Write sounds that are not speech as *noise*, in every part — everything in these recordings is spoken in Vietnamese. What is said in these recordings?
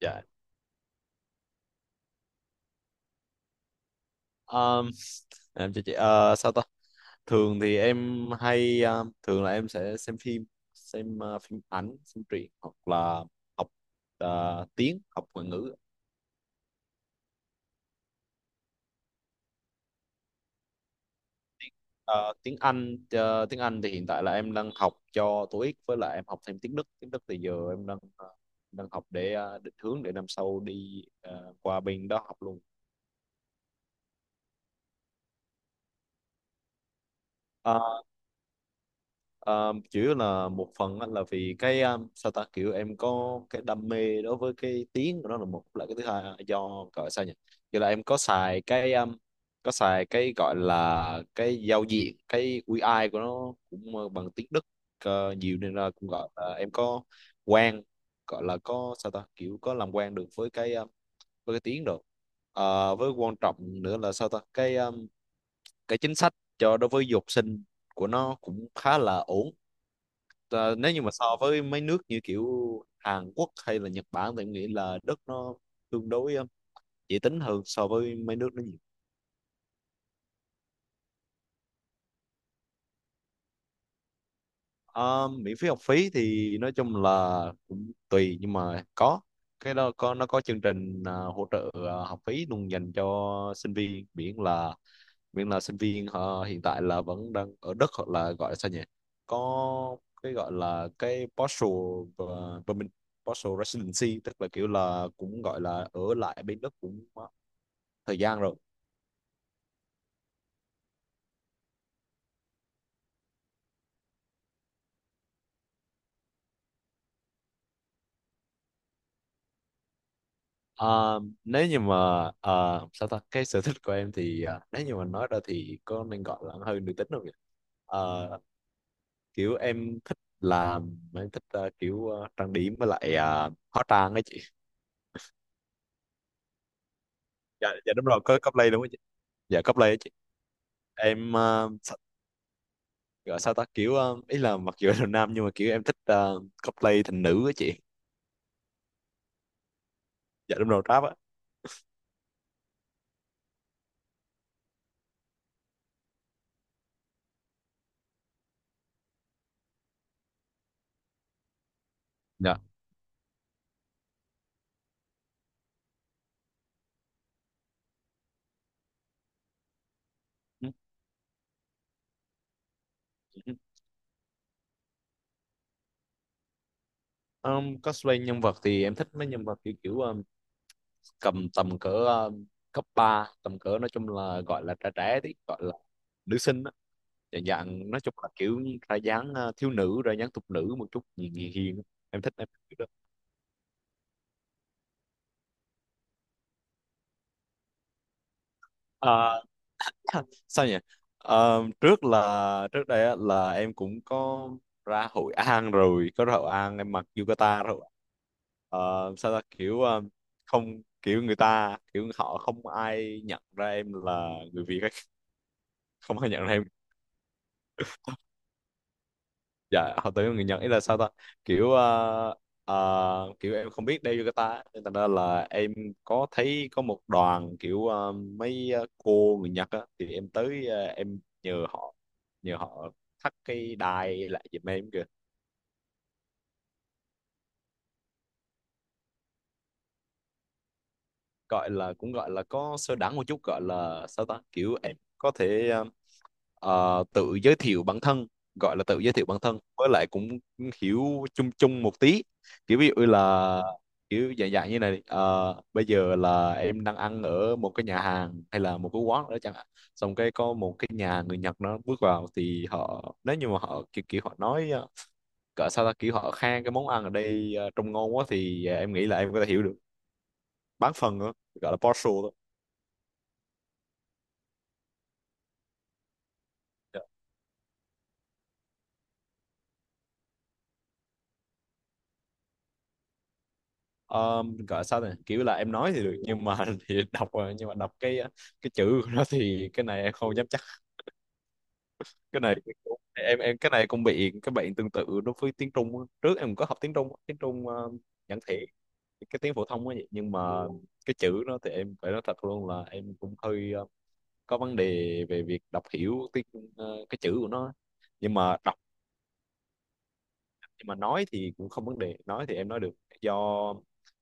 Dạ. um, em cho chị sao ta, thường thì em hay thường là em sẽ xem phim, xem phim ảnh, xem truyện hoặc là học tiếng, học ngoại ngữ. Ờ, tiếng Anh, tiếng Anh thì hiện tại là em đang học cho TOEIC, với lại em học thêm tiếng Đức. Tiếng Đức thì giờ em đang đang học để định hướng để năm sau đi qua bên đó học luôn. Ờ, Ờ, chủ yếu là một phần á, là vì cái sao ta, kiểu em có cái đam mê đối với cái tiếng của nó là một, là cái thứ hai là do, gọi sao nhỉ, kiểu là em có xài cái gọi là cái giao diện, cái UI của nó cũng bằng tiếng Đức nhiều, nên là cũng gọi là em có quen, gọi là có, sao ta, kiểu có làm quen được với cái tiếng rồi. Ờ, với quan trọng nữa là, sao ta, cái chính sách cho, đối với du học sinh của nó cũng khá là ổn. Ờ, nếu như mà so với mấy nước như kiểu Hàn Quốc hay là Nhật Bản thì em nghĩ là đất nó tương đối dễ tính hơn so với mấy nước đó nhiều. Ờ, miễn phí học phí thì nói chung là cũng tùy, nhưng mà có cái đó, có, nó có chương trình hỗ trợ học phí luôn dành cho sinh viên, miễn là sinh viên họ hiện tại là vẫn đang ở Đức, hoặc là gọi là sao nhỉ, có cái gọi là cái postal và permanent postal residency, tức là kiểu là cũng gọi là ở lại bên Đức cũng thời gian rồi. À, nếu như mà à, sao ta, cái sở thích của em thì, nếu như mà nói ra thì có nên gọi là hơi nữ tính không nhỉ. À, kiểu em thích làm, em thích kiểu trang điểm, với lại hóa trang ấy chị. Dạ, dạ đúng rồi, có cosplay đúng không chị, dạ cosplay ấy chị. Em uh, gọi sao ta, kiểu ý là mặc dù là nam nhưng mà kiểu em thích cosplay thành nữ á chị. Dạ đúng rồi, rap á. Dạ. Ừ, ừ, ừ. Cosplay nhân vật thì em thích mấy nhân vật kiểu, kiểu cầm tầm cỡ cấp ba, tầm cỡ nói chung là gọi là trẻ trẻ tí, gọi là nữ sinh á, dạng dạng, nói chung là kiểu ra dáng thiếu nữ, ra dáng thục nữ một chút, hiền hiền hiền. Em thích, em thích kiểu đó. Ờ, *laughs* sao nhỉ. Ờ, trước là trước đây á, là em cũng có ra Hội An rồi, có ra Hội An em mặc yukata rồi. Ờ, sao ta, kiểu không, kiểu người ta kiểu họ không ai nhận ra em là người Việt ấy. *laughs* Không ai nhận ra em. Dạ họ tới người Nhật, ý là sao ta, kiểu kiểu em không biết đeo yukata á, nên thành ra là em có thấy có một đoàn kiểu mấy cô người Nhật á, thì em tới em nhờ họ, nhờ họ thắt cái đai lại giùm em kìa. Gọi là cũng gọi là có sơ đẳng một chút, gọi là sao ta, kiểu em có thể tự giới thiệu bản thân, gọi là tự giới thiệu bản thân, với lại cũng hiểu chung chung một tí, kiểu ví dụ là kiểu dạng dạng như này, bây giờ là em đang ăn ở một cái nhà hàng hay là một cái quán đó chẳng hạn, xong cái có một cái nhà người Nhật nó bước vào, thì họ, nếu như mà họ kiểu, kiểu họ nói cỡ sao ta, kiểu họ khen cái món ăn ở đây trông ngon quá, thì em nghĩ là em có thể hiểu được bán phần nữa, gọi là partial thôi. Ờ, gọi sao này, kiểu là em nói thì được nhưng mà *laughs* thì đọc rồi, nhưng mà đọc cái cái chữ của nó thì cái này em không dám chắc. Cái này em, cái này cũng bị cái bệnh tương tự đối với tiếng Trung á. Trước em có học tiếng Trung á, tiếng Trung giản thể, cái tiếng phổ thông ấy, vậy nhưng mà cái chữ nó thì em phải nói thật luôn là em cũng hơi có vấn đề về việc đọc hiểu tiếng cái chữ của nó á. Nhưng mà đọc, nhưng mà nói thì cũng không vấn đề, nói thì em nói được, do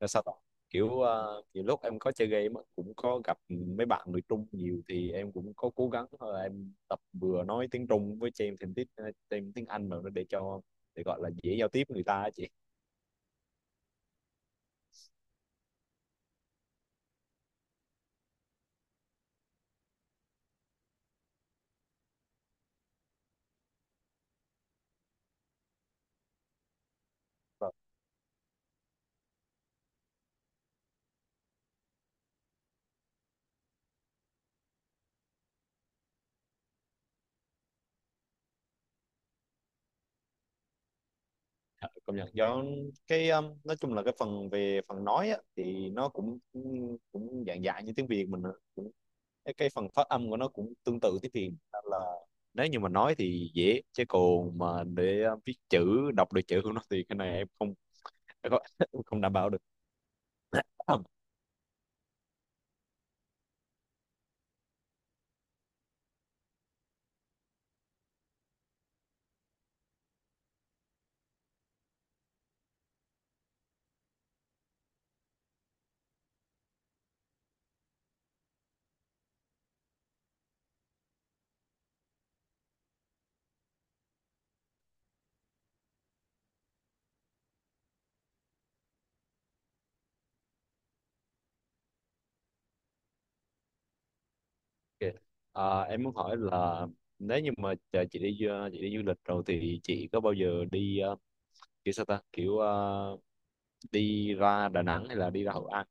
là sao ta, kiểu nhiều lúc em có chơi game á, cũng có gặp mấy bạn người Trung nhiều thì em cũng có cố gắng em tập vừa nói tiếng Trung với thêm thêm tiếng, thêm tiếng Anh vào nữa để cho, để gọi là dễ giao tiếp với người ta á chị. Ờ, công nhận do cái nói chung là cái phần về phần nói á, thì nó cũng cũng dạng dạng như tiếng Việt mình, cũng cái phần phát âm của nó cũng tương tự tiếng Việt, nên là nếu như mà nói thì dễ, chứ còn mà để viết chữ, đọc được chữ của nó thì cái này em không, em không *laughs* em không đảm bảo được. *coughs* Ok. Ờ, em muốn hỏi là nếu như mà chờ chị đi du lịch rồi thì chị có bao giờ đi kiểu sao ta, kiểu đi ra Đà Nẵng hay là đi ra Hội An.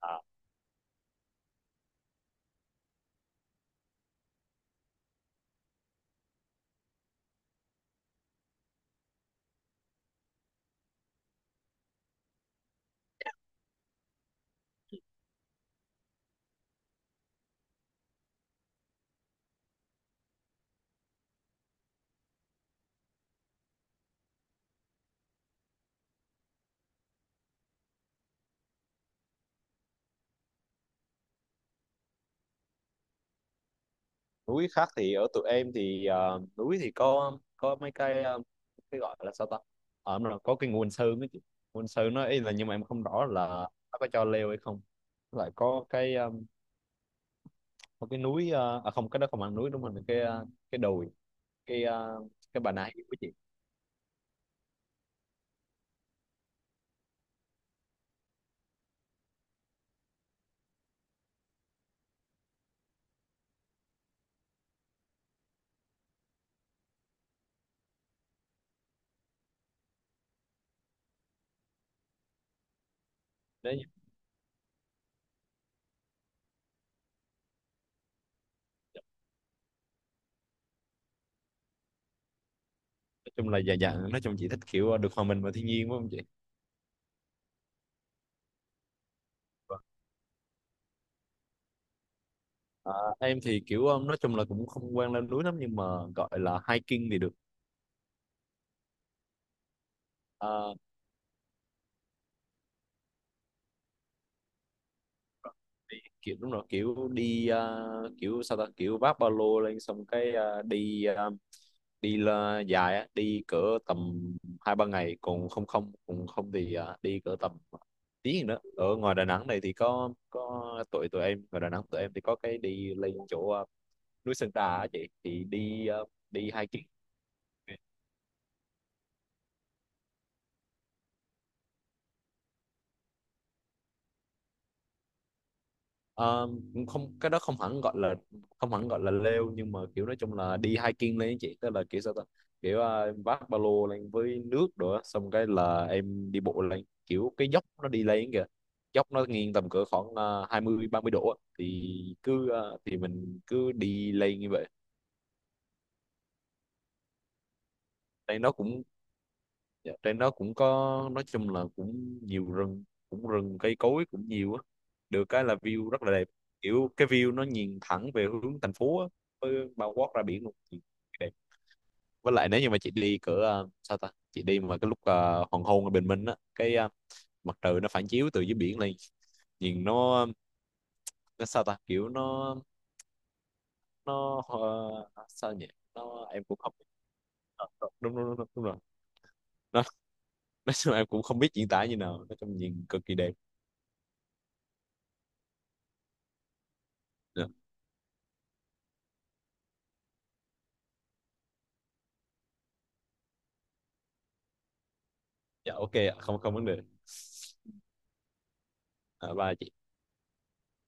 À, núi khác thì ở tụi em thì núi thì có mấy cái cái gọi là sao ta, ở nó có cái nguồn sơn ấy chị, nguồn sơn nó ý là, nhưng mà em không rõ là nó có cho leo hay không. Với lại có cái có cái núi à không cái đó không phải núi đúng không, là cái cái đồi, cái cái Bà Nà Hill của chị đấy. Nói chung là, dạ dạ nói chung chị thích kiểu được hòa mình vào thiên nhiên đúng không chị. Vâng. Ờ, em thì kiểu nói chung là cũng không quen lên núi lắm, nhưng mà gọi là hiking thì được. Ờ, kiểu đúng rồi, kiểu đi kiểu sao ta, kiểu vác ba lô lên xong cái đi đi là dài á, đi cỡ tầm hai ba ngày, còn không không còn không thì đi cỡ tầm tiếng nữa. Ở ngoài Đà Nẵng này thì có tụi, tụi em ngoài Đà Nẵng tụi em thì có cái đi lên chỗ núi Sơn Trà á chị, thì đi đi hiking. Ờ, không cái đó không hẳn gọi là không hẳn gọi là leo, nhưng mà kiểu nói chung là đi hiking lên á chị, tức là kiểu sao ta, kiểu em vác ba lô lên với nước rồi á, xong cái là em đi bộ lên, kiểu cái dốc nó đi lên kìa, dốc nó nghiêng tầm cỡ khoảng hai mươi ba mươi độ á. Thì cứ thì mình cứ đi lên như vậy. Lên nó cũng, dạ, trên đó cũng có, nói chung là cũng nhiều rừng, cũng rừng cây cối cũng nhiều á, được cái là view rất là đẹp, kiểu cái view nó nhìn thẳng về hướng thành phố á, với bao quát ra biển luôn. Nhìn đẹp. Với lại nếu như mà chị đi cỡ sao ta, chị đi mà cái lúc hoàng hôn ở bình minh á, cái mặt trời nó phản chiếu từ dưới biển lên, nhìn nó sao ta, kiểu nó sao nhỉ, nó em cũng không biết. Ờ, đúng đúng đúng, đúng, đúng rồi. Nó, nói chung em cũng không biết diễn tả như nào, nói chung nhìn cực kỳ đẹp. Dạ. Dạ ok ạ, không không vấn đề. À, bye chị.